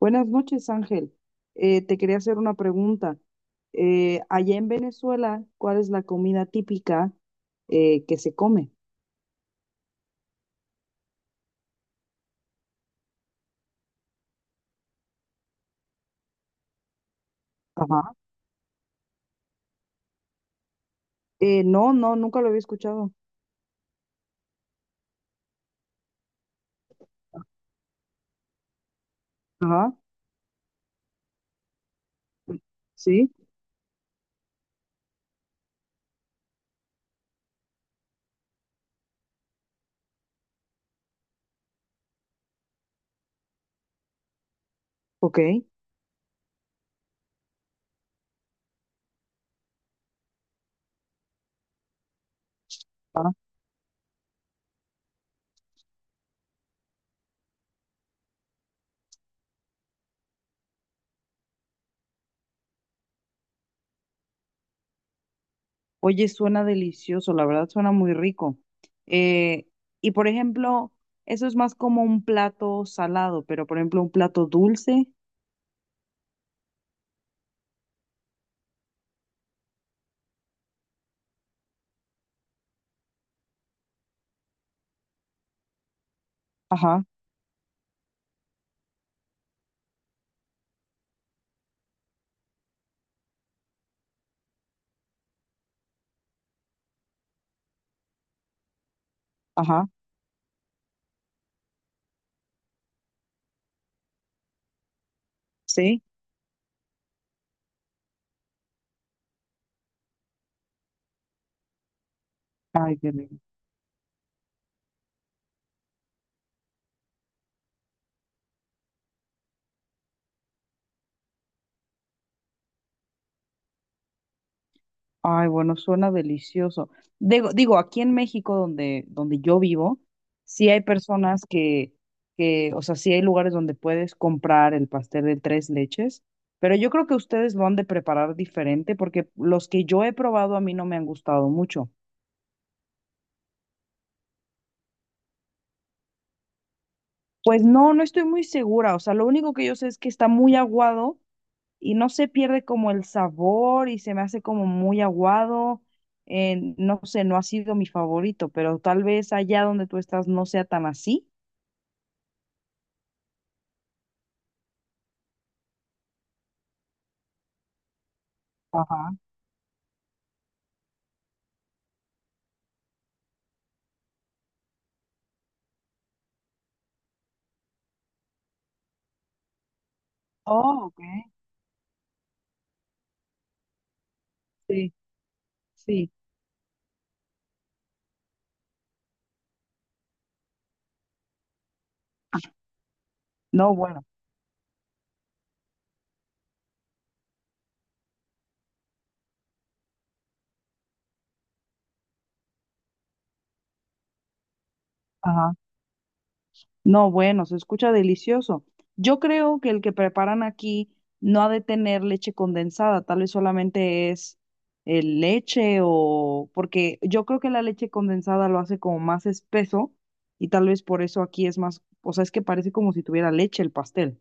Buenas noches, Ángel. Te quería hacer una pregunta. Allá en Venezuela, ¿cuál es la comida típica que se come? Ajá. No, no, nunca lo había escuchado. Ajá. Sí, ok. Ah, oye, suena delicioso, la verdad suena muy rico. Eh, y por ejemplo, eso es más como un plato salado, pero por ejemplo, un plato dulce. Ajá, ajá. Sí. Ay, qué rico. Ay, bueno, suena delicioso. Digo, aquí en México, donde yo vivo, sí hay personas que, o sea, sí hay lugares donde puedes comprar el pastel de tres leches, pero yo creo que ustedes lo han de preparar diferente porque los que yo he probado a mí no me han gustado mucho. Pues no, no estoy muy segura. O sea, lo único que yo sé es que está muy aguado y no se pierde como el sabor y se me hace como muy aguado. No sé, no ha sido mi favorito, pero tal vez allá donde tú estás no sea tan así. Ajá. Oh, ok. Sí, sí. No, bueno. Ajá. No, bueno, se escucha delicioso. Yo creo que el que preparan aquí no ha de tener leche condensada, tal vez solamente es leche o porque yo creo que la leche condensada lo hace como más espeso y tal vez por eso aquí es más, o sea, es que parece como si tuviera leche el pastel.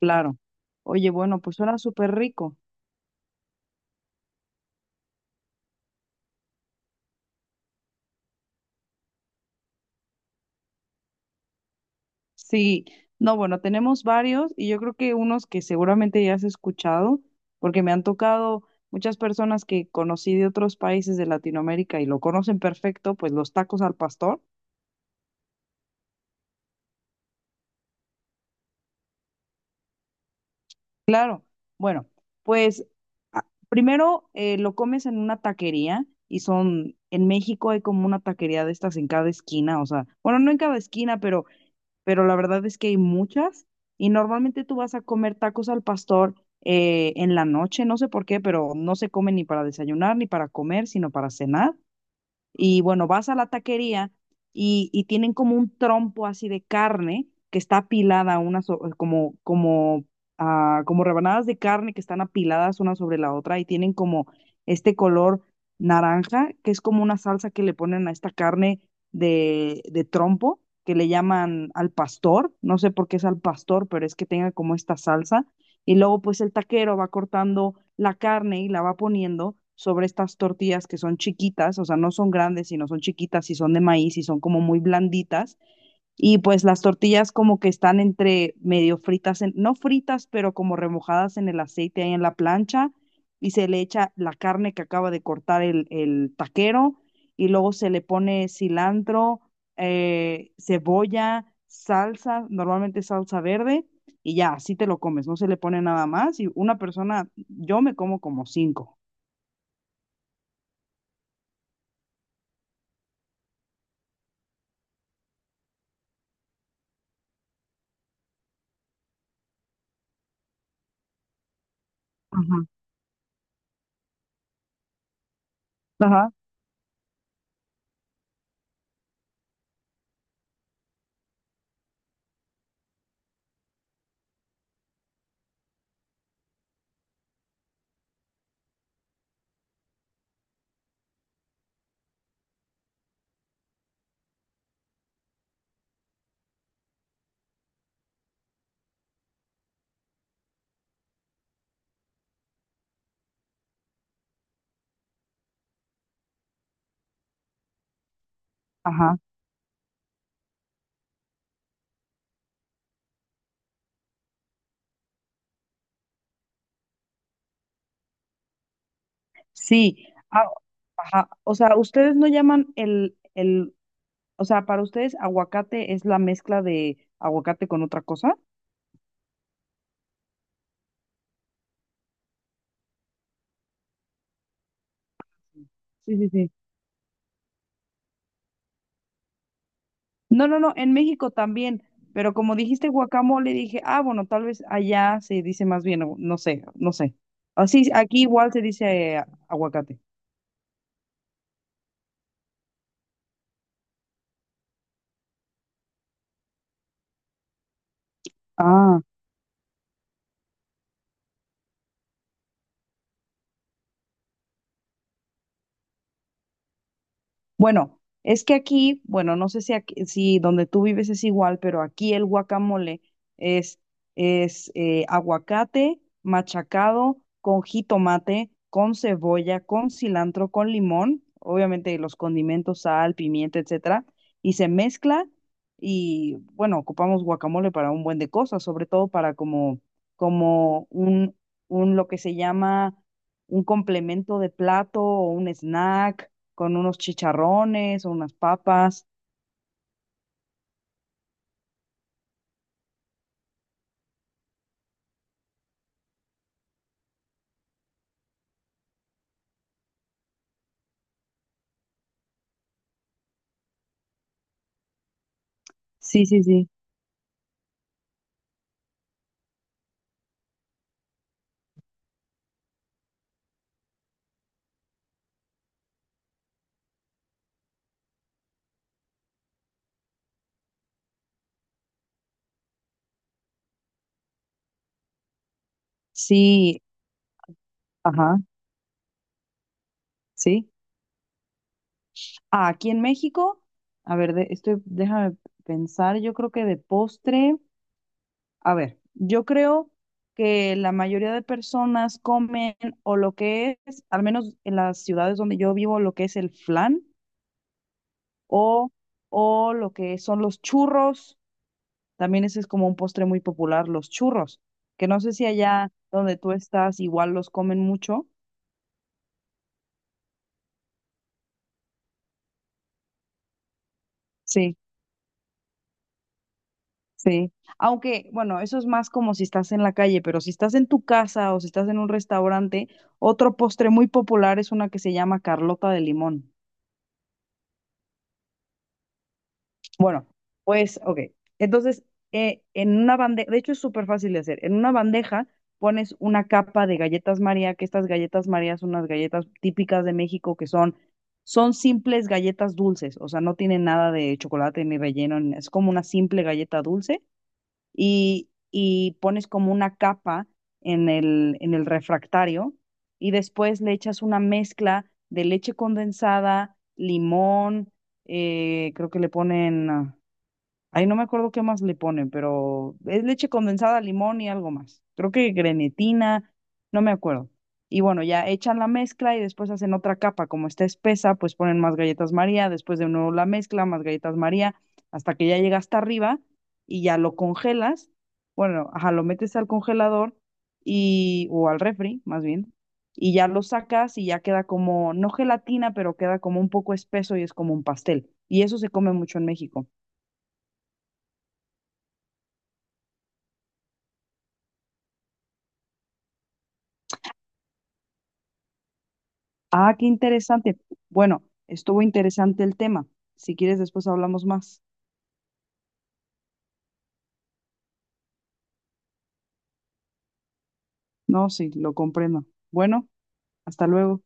Claro. Oye, bueno, pues suena súper rico. Sí, no, bueno, tenemos varios y yo creo que unos que seguramente ya has escuchado, porque me han tocado muchas personas que conocí de otros países de Latinoamérica y lo conocen perfecto, pues los tacos al pastor. Claro, bueno, pues primero lo comes en una taquería y son, en México hay como una taquería de estas en cada esquina, o sea, bueno, no en cada esquina, pero la verdad es que hay muchas y normalmente tú vas a comer tacos al pastor en la noche, no sé por qué, pero no se come ni para desayunar ni para comer, sino para cenar. Y bueno, vas a la taquería y tienen como un trompo así de carne que está apilada, una como rebanadas de carne que están apiladas una sobre la otra y tienen como este color naranja, que es como una salsa que le ponen a esta carne de trompo, que le llaman al pastor. No sé por qué es al pastor, pero es que tenga como esta salsa y luego pues el taquero va cortando la carne y la va poniendo sobre estas tortillas que son chiquitas, o sea, no son grandes, sino son chiquitas y son de maíz y son como muy blanditas. Y pues las tortillas como que están entre medio fritas, no fritas, pero como remojadas en el aceite ahí en la plancha y se le echa la carne que acaba de cortar el taquero y luego se le pone cilantro, cebolla, salsa, normalmente salsa verde y ya, así te lo comes, no se le pone nada más y una persona, yo me como como cinco. Ajá, ajá, ajá. Sí, ah, ajá. O sea, ustedes no llaman el o sea, para ustedes, aguacate es la mezcla de aguacate con otra cosa. Sí, sí, sí. No, no, no, en México también, pero como dijiste guacamole, dije, ah, bueno, tal vez allá se dice más bien, o no sé, no sé. Así, aquí igual se dice aguacate. Ah. Bueno, es que aquí, bueno, no sé si si donde tú vives es igual, pero aquí el guacamole es, es aguacate machacado con jitomate, con cebolla, con cilantro, con limón, obviamente los condimentos, sal, pimienta, etcétera, y se mezcla y bueno, ocupamos guacamole para un buen de cosas, sobre todo para como, como un, un lo que se llama un complemento de plato o un snack con unos chicharrones o unas papas. Sí, sí, sí. Sí, ajá, sí. Ah, aquí en México, a ver, déjame pensar, yo creo que de postre, a ver, yo creo que la mayoría de personas comen o lo que es, al menos en las ciudades donde yo vivo, lo que es el flan o, o lo que son los churros. También ese es como un postre muy popular, los churros, que no sé si allá donde tú estás igual los comen mucho. Sí. Sí, aunque, bueno, eso es más como si estás en la calle, pero si estás en tu casa o si estás en un restaurante, otro postre muy popular es una que se llama Carlota de limón. Bueno, pues, ok. Entonces, en una bandeja, de hecho es súper fácil de hacer, en una bandeja pones una capa de galletas María, que estas galletas María son unas galletas típicas de México que son simples galletas dulces, o sea, no tienen nada de chocolate ni relleno, es como una simple galleta dulce y pones como una capa en en el refractario y después le echas una mezcla de leche condensada, limón, creo que le ponen, ah, ahí no me acuerdo qué más le ponen, pero es leche condensada, limón y algo más. Creo que grenetina, no me acuerdo. Y bueno, ya echan la mezcla y después hacen otra capa. Como está espesa, pues ponen más galletas María, después de nuevo la mezcla, más galletas María, hasta que ya llega hasta arriba y ya lo congelas. Bueno, ajá, lo metes al congelador o al refri, más bien, y ya lo sacas y ya queda como, no gelatina, pero queda como un poco espeso y es como un pastel. Y eso se come mucho en México. Ah, qué interesante. Bueno, estuvo interesante el tema. Si quieres, después hablamos más. No, sí, lo comprendo. Bueno, hasta luego.